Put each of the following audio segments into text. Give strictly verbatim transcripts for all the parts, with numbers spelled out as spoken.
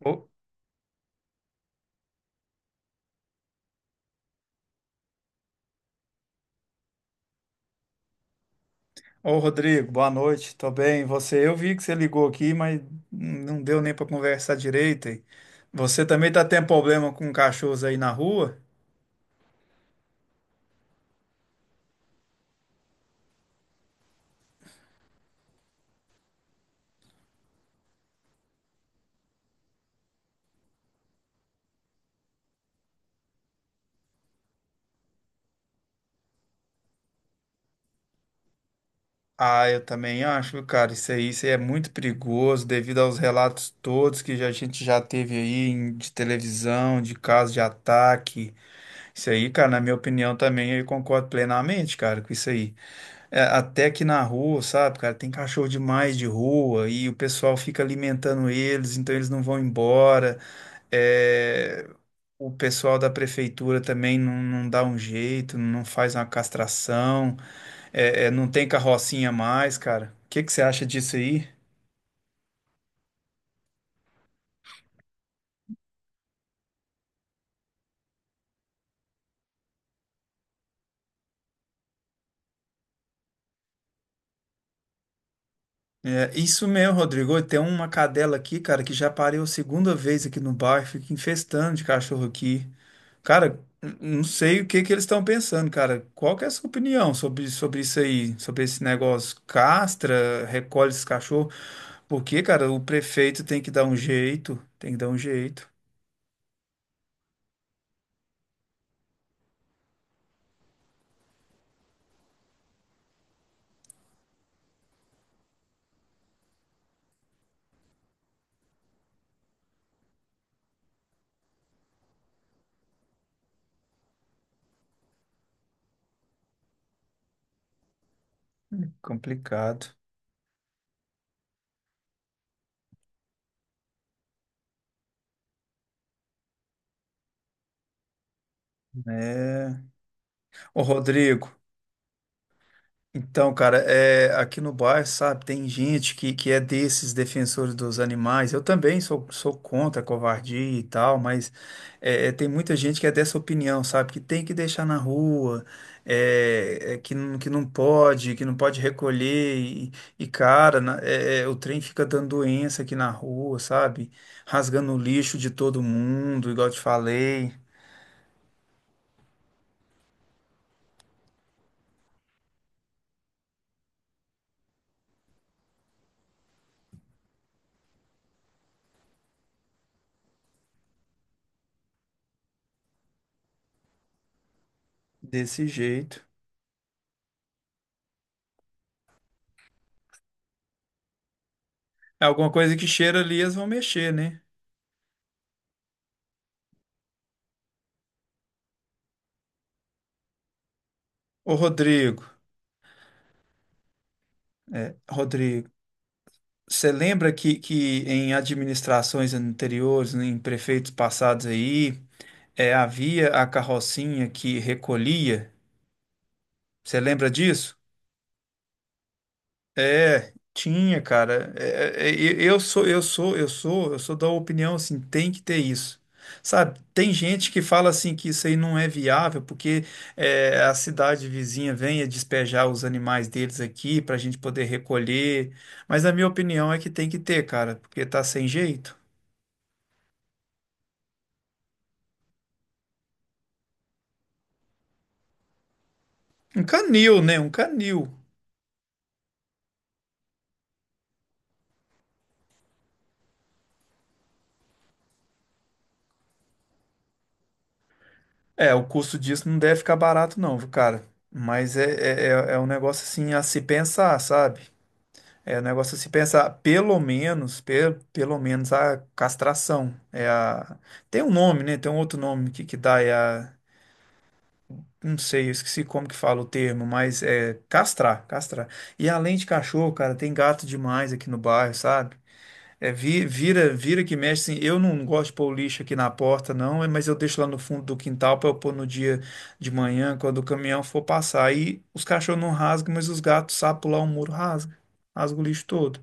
Ô, ô, Rodrigo, boa noite, tô bem. E você, eu vi que você ligou aqui, mas não deu nem para conversar direito, hein? Você também tá tendo problema com cachorros aí na rua? Ah, eu também acho, viu, cara, isso aí, isso aí é muito perigoso devido aos relatos todos que já- a gente já teve aí em- de televisão, de casos de ataque. Isso aí, cara, na minha opinião também, eu concordo plenamente, cara, com isso aí. É, até aqui na rua, sabe, cara, tem cachorro demais de rua e o pessoal fica alimentando eles, então eles não vão embora. É, o pessoal da prefeitura também não, não dá um jeito, não faz uma castração, é, é, não tem carrocinha mais, cara. O que que você acha disso aí? É, isso mesmo, Rodrigo. Tem uma, cadela aqui, cara, que já pariu a segunda vez aqui no bairro, fica infestando de cachorro aqui. Cara, n- não sei o que que eles estão pensando, cara. Qual que é a sua opinião sobre, sobre isso aí? Sobre esse negócio? Castra, recolhe esses cachorros? Porque, cara, o prefeito tem que dar um jeito. Tem que dar um jeito. Complicado, né? Ô, Rodrigo. Então, cara, é, aqui no bairro, sabe, tem gente que, que é desses defensores dos animais. Eu também sou, sou contra a covardia e tal, mas é, é, tem muita gente que é dessa opinião, sabe, que tem que deixar na rua, é, é, que, não- que não pode, que não pode recolher. E, e, cara, na- é, é, o trem fica dando doença aqui na rua, sabe, rasgando o lixo de todo mundo, igual eu te falei, desse jeito. É alguma coisa que cheira ali, eles vão mexer, né? Ô, Rodrigo. É, Rodrigo, você lembra que, que em administrações anteriores, né, em prefeitos passados aí, é, havia a carrocinha que recolhia? Você lembra disso? É, tinha, cara. É, é, é, eu sou, eu sou, eu sou, eu sou da opinião assim, tem que ter isso. Sabe, tem gente que fala assim que isso aí não é viável porque é, a cidade vizinha vem a despejar os animais deles aqui para a gente poder recolher. Mas a minha opinião é que tem que ter, cara, porque tá sem jeito. Um canil, né? Um canil. É, o custo disso não deve ficar barato, não, viu, cara. Mas é, é, é é um negócio assim a se pensar, sabe? É, o negócio é se pensar, pelo menos, pe- pelo menos a castração. É a... Tem um nome, né? Tem um outro nome que, que dá, é a... Não sei, eu esqueci como que fala o termo, mas é castrar, castrar. E além de cachorro, cara, tem gato demais aqui no bairro, sabe? É, vi- vira, vira que mexe, assim, eu não gosto de pôr o lixo aqui na porta, não, é, mas eu deixo lá no fundo do quintal para eu pôr no dia de manhã, quando o caminhão for passar. Aí os cachorros não rasgam, mas os gatos, sabem pular o muro, rasga, rasga o lixo todo.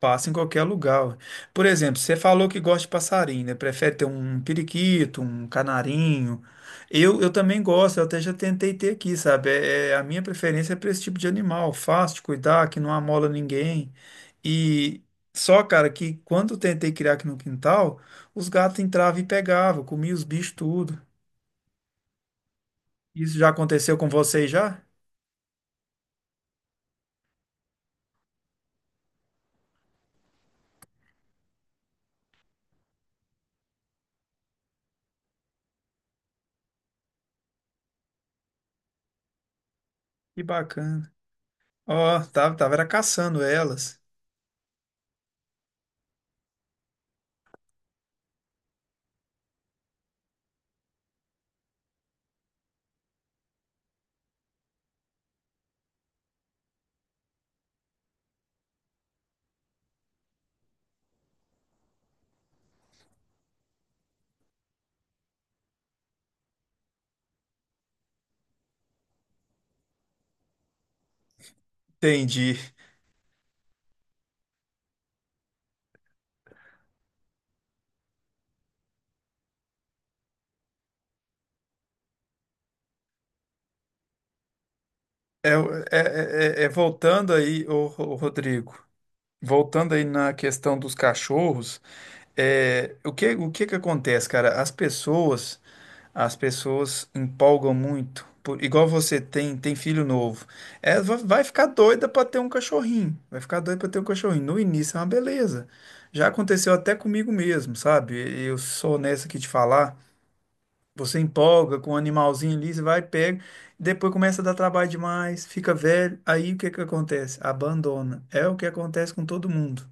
Passa em qualquer lugar, ué. Por exemplo, você falou que gosta de passarinho, né? Prefere ter um periquito, um canarinho. Eu, eu também gosto, eu até já tentei ter aqui, sabe? É, é- a minha preferência é para esse tipo de animal, fácil de cuidar, que não amola ninguém. E só, cara, que quando eu tentei criar aqui no quintal, os gatos entravam e pegavam, comiam os bichos tudo. Isso já aconteceu com vocês já? Que bacana. Ó, tava, tava era caçando elas. Entendi. É, é- é- é- Voltando aí, ô, ô, Rodrigo, voltando aí na questão dos cachorros, é, o que, o que que acontece, cara? As pessoas, as pessoas empolgam muito, por- igual você tem, tem filho novo, é, va- vai ficar doida para ter um cachorrinho, vai ficar doida para ter um cachorrinho. No início é uma beleza. Já aconteceu até comigo mesmo, sabe? Eu sou honesto aqui de falar. Você empolga com o animalzinho ali, você vai, pega, depois começa a dar trabalho demais, fica velho, aí o que que acontece? Abandona. É o que acontece com todo mundo.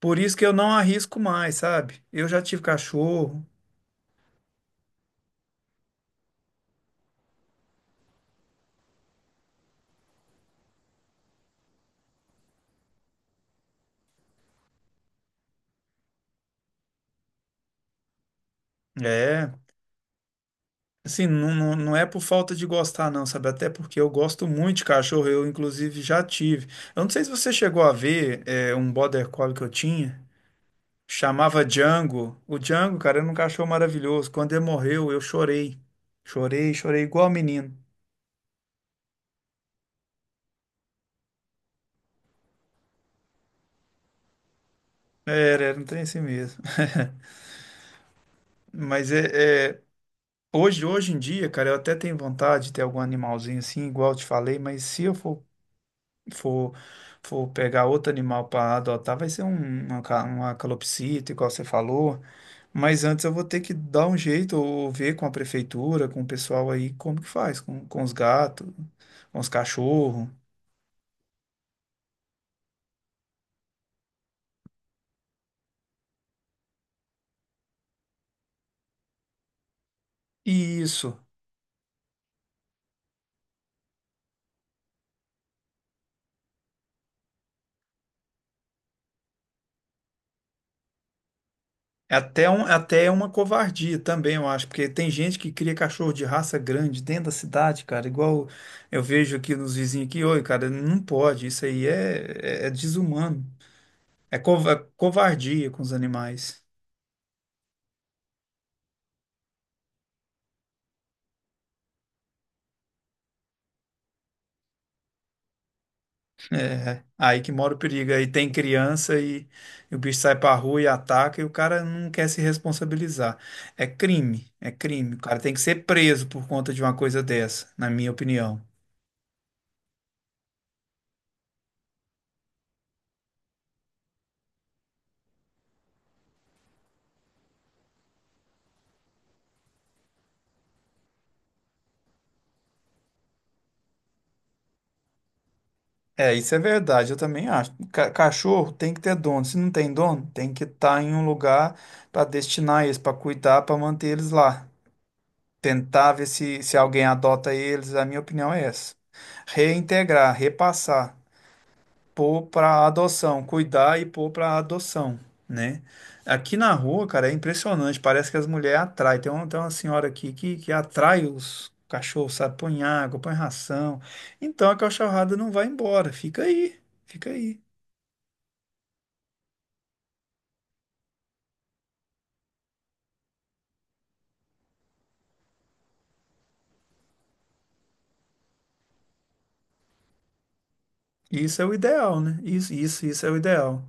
Por isso que eu não arrisco mais, sabe? Eu já tive cachorro, é. Assim, não, não, não é por falta de gostar, não, sabe? Até porque eu gosto muito de cachorro, eu inclusive já tive. Eu não sei se você chegou a ver é, um border collie que eu tinha, chamava Django. O Django, cara, era um cachorro maravilhoso. Quando ele morreu, eu chorei. Chorei, chorei igual menino. Era, era um trem assim mesmo. Mas é, é, hoje, hoje em dia, cara, eu até tenho vontade de ter algum animalzinho assim, igual eu te falei, mas se eu for, for, for pegar outro animal para adotar, vai ser um, uma, ca- uma calopsita, igual você falou. Mas antes eu vou ter que dar um jeito, ou ver com a prefeitura, com o pessoal aí, como que faz, com, com os gatos, com os cachorros. Isso. É até, um, até é uma covardia também, eu acho, porque tem gente que cria cachorro de raça grande dentro da cidade, cara, igual eu vejo aqui nos vizinhos aqui, oi, cara, não pode, isso aí é, é, é desumano, é cova- covardia com os animais. Aí que mora o perigo, aí tem criança e, e o bicho sai pra rua e ataca e o cara não quer se responsabilizar. É crime, é crime, o cara tem que ser preso por conta de uma coisa dessa, na minha opinião. É, isso é verdade, eu também acho. Ca- cachorro tem que ter dono. Se não tem dono, tem que estar em um lugar para destinar eles, para cuidar, para manter eles lá. Tentar ver se, se alguém adota eles, a minha opinião é essa. Reintegrar, repassar pôr para adoção, cuidar e pôr para adoção, né? Aqui na rua, cara, é impressionante, parece que as mulheres atraem. Tem uma, tem uma senhora aqui que, que atrai os cachorros, sabe? Põe água, põe ração. Então a cachorrada não vai embora, fica aí, fica aí. Isso é o ideal, né? Isso, isso, isso é o ideal.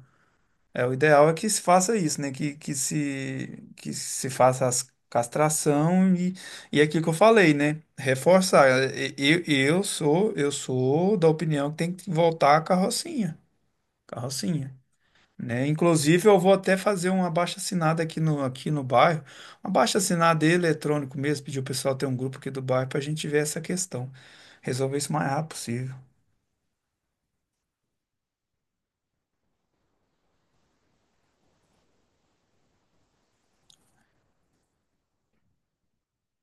É, o ideal é que se faça isso, né? Que, que se, que se faça as castração e, e é aquilo que eu falei, né? Reforçar. E- Eu, eu sou, eu sou da opinião que tem que voltar a carrocinha, carrocinha, né? Inclusive, eu vou até fazer um abaixo-assinado aqui no, aqui no bairro, um abaixo-assinado eletrônico mesmo, pedir o pessoal ter um grupo aqui do bairro para a gente ver essa questão, resolver isso o mais rápido possível.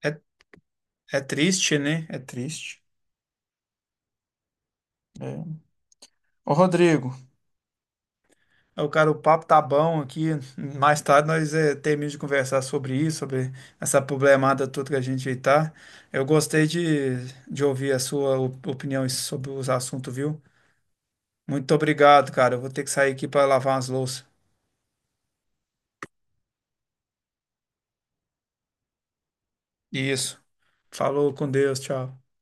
É, é triste, né? É triste. É. Ô, Rodrigo. Ô, cara, o papo tá bom aqui. Mais tarde nós eh, terminamos de conversar sobre isso, sobre essa problemada toda que a gente aí tá. Eu gostei de, de ouvir a sua op- opinião sobre os assuntos, viu? Muito obrigado, cara. Eu vou ter que sair aqui para lavar umas louças. Isso. Falou com Deus, tchau.